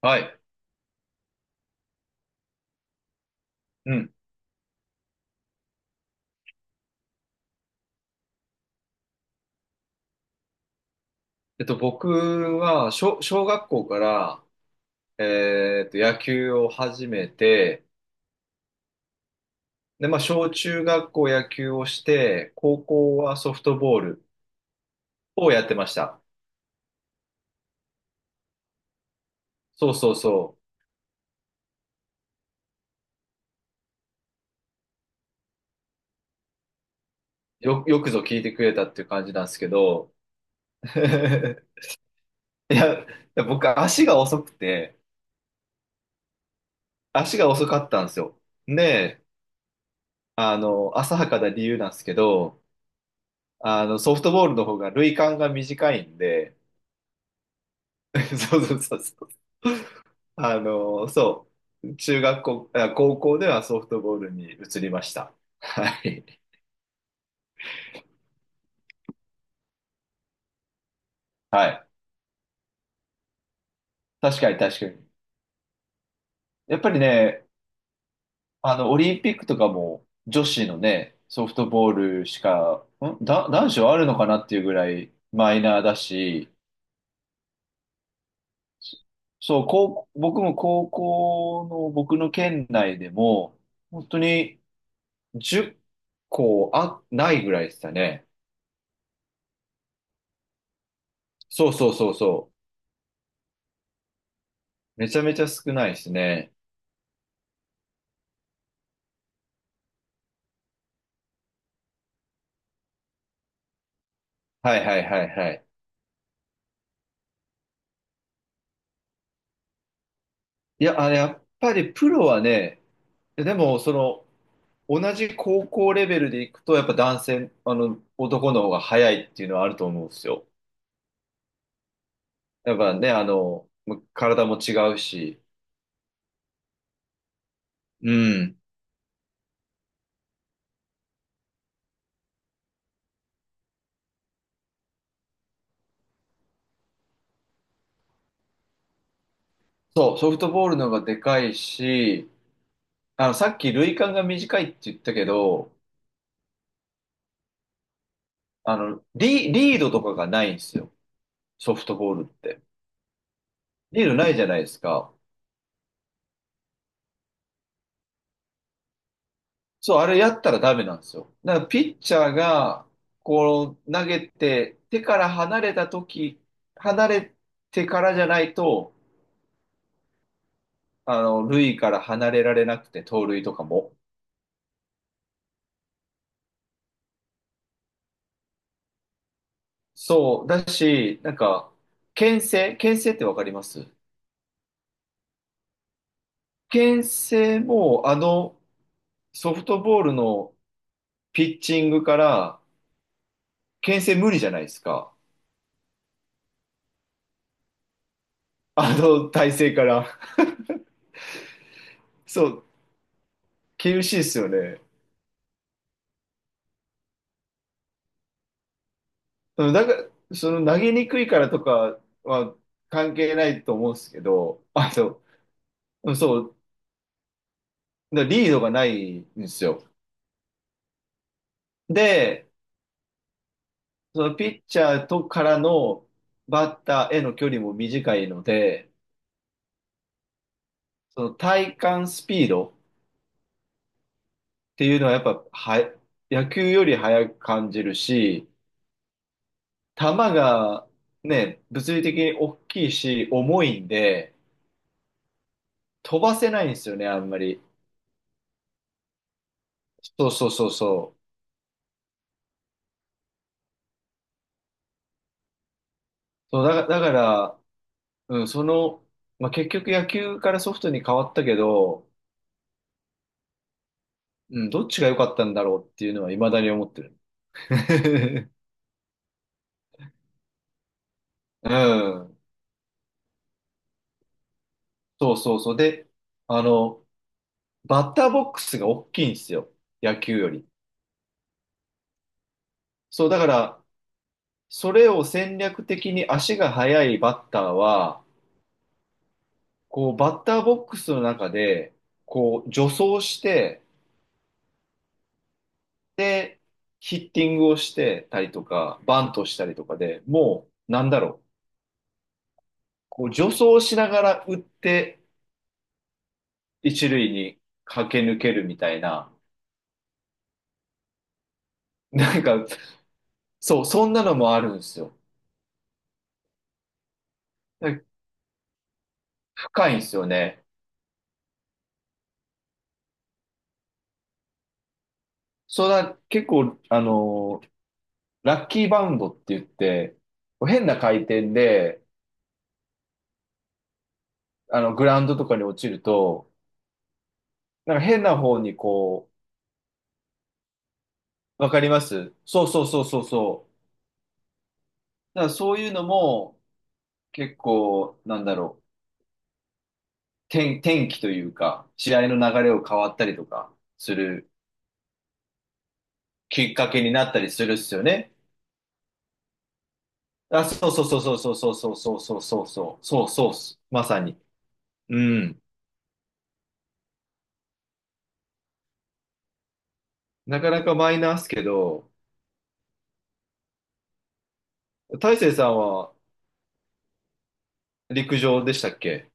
はい。うん。僕は、小学校から、野球を始めて、で、まあ、小中学校野球をして、高校はソフトボールをやってました。そうそうそう。よくぞ聞いてくれたっていう感じなんですけど、いや僕、足が遅くて、足が遅かったんですよ。で、あの、浅はかな理由なんですけど、あの、ソフトボールの方が塁間が短いんで、そうそうそうそう。あの、そう。中学校、あ高校ではソフトボールに移りました。はい。はい。確かに確かに。やっぱりね、あの、オリンピックとかも女子のね、ソフトボールしか、男子はあるのかなっていうぐらいマイナーだし、そう、僕も高校の僕の県内でも、本当に10校ないぐらいでしたね。そうそうそうそう。めちゃめちゃ少ないですね。はいはいはいはい。いや、あれ、やっぱりプロはね、でも、その、同じ高校レベルでいくと、やっぱ男性、あの、男の方が早いっていうのはあると思うんですよ。やっぱね、あの、ま体も違うし、うん。そう、ソフトボールの方がでかいし、あの、さっき塁間が短いって言ったけど、あの、リードとかがないんですよ。ソフトボールって。リードないじゃないですか。そう、あれやったらダメなんですよ。だからピッチャーが、こう、投げて、手から離れた時、離れてからじゃないと、あの、塁から離れられなくて、盗塁とかも。そう、だし、なんか、牽制ってわかります？牽制も、あの、ソフトボールのピッチングから、牽制無理じゃないですか。あの体勢から。そう、厳しいですよね。うん、なんか、その投げにくいからとかは関係ないと思うんですけど、あの、そう、だからリードがないんですよ。で、そのピッチャーとからのバッターへの距離も短いので、その体感スピードっていうのはやっぱは、野球より速く感じるし、球がね、物理的に大きいし、重いんで、飛ばせないんですよね、あんまり。そうそうそうそう。そうだ、だから、うん、その、まあ、結局野球からソフトに変わったけど、うん、どっちが良かったんだろうっていうのは未だに思ってる。うん。そうそうそう。で、あの、バッターボックスが大きいんですよ。野球より。そう、だから、それを戦略的に足が速いバッターは、こう、バッターボックスの中で、こう、助走して、で、ヒッティングをしてたりとか、バントしたりとかでもう、なんだろう。こう助走しながら打って一塁に駆け抜けるみたいな、なんか、そう、そんなのもあるんですよ。で深いんですよね。それは結構、あの、ラッキーバウンドって言って、こう変な回転で、あの、グラウンドとかに落ちると、なんか変な方にこう、わかります？そうそうそうそうそう。だからそういうのも結構、なんだろう、天気というか、試合の流れを変わったりとかするきっかけになったりするっすよね。あ、そうそうそうそうそうそうそうそうそうそうそうそうっす。まさに。うん。なかなかマイナーっすけど、大成さんは陸上でしたっけ？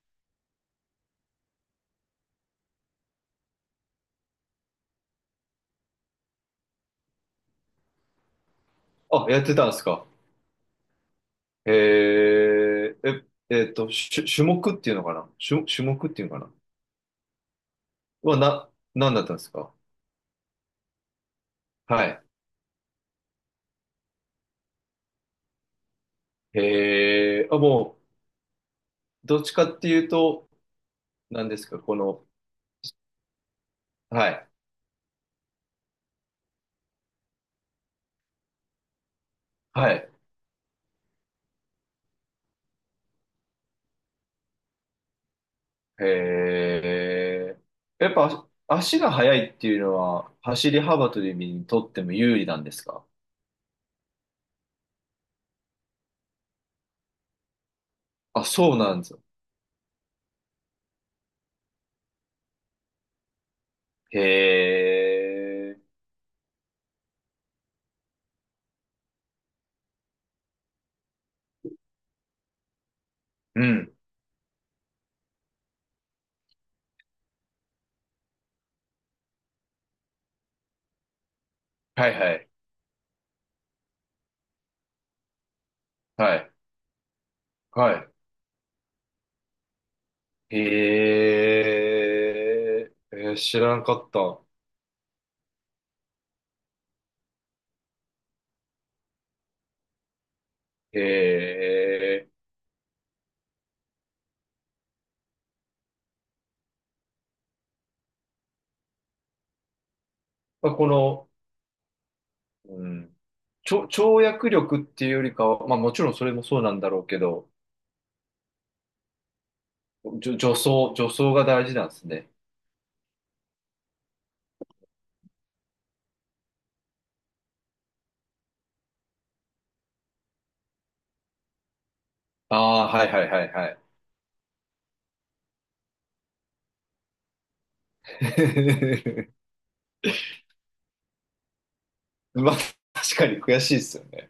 あ、やってたんですか。へえ、え、種目っていうのかな、種目っていうのかな、は、な、何だったんですか？はい。へえ、あ、もう、どっちかっていうと、何ですかこの、はい。はい。へえ。やっぱ足が速いっていうのは走り幅跳びにとっても有利なんですか？あ、そうなんですよ。へえ。うん。はいはい。はい。はい。へえ。えー知らんかった。へえ。まあ、この、うん。跳躍力っていうよりかは、まあもちろんそれもそうなんだろうけど、助走、助走が大事なんですね。ああ、はいはいはいはい。まあ、確かに悔しいですよね。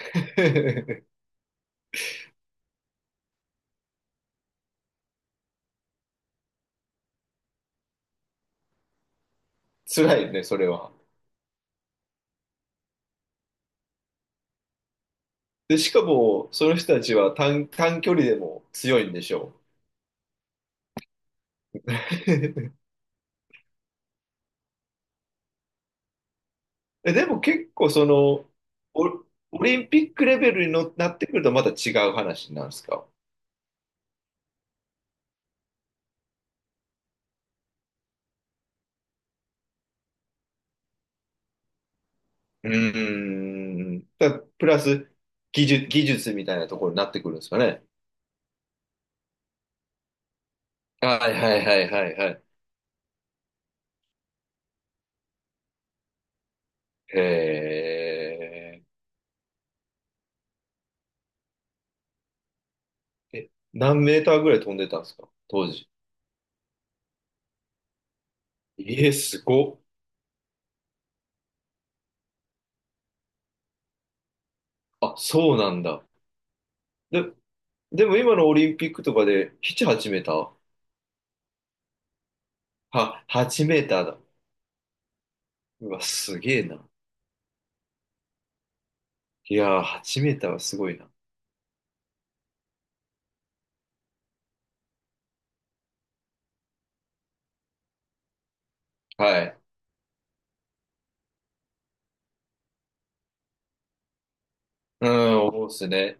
辛いね、それは。で、しかも、その人たちは短距離でも強いんでしょう。え、でも結構、その、オ、オリンピックレベルにのなってくるとまた違う話なんですか？うーん。だ、プラス、技術みたいなところになってくるんですかね。はいはいはいはいはい。へーえ。何メーターぐらい飛んでたんですか当時。ええ、すごっ。あ、そうなんだ。で、でも今のオリンピックとかでチ8メーターは、8メーターだ。うわ、すげえな。いやー、8メーターはすごいな。はい。うん、思うっすね。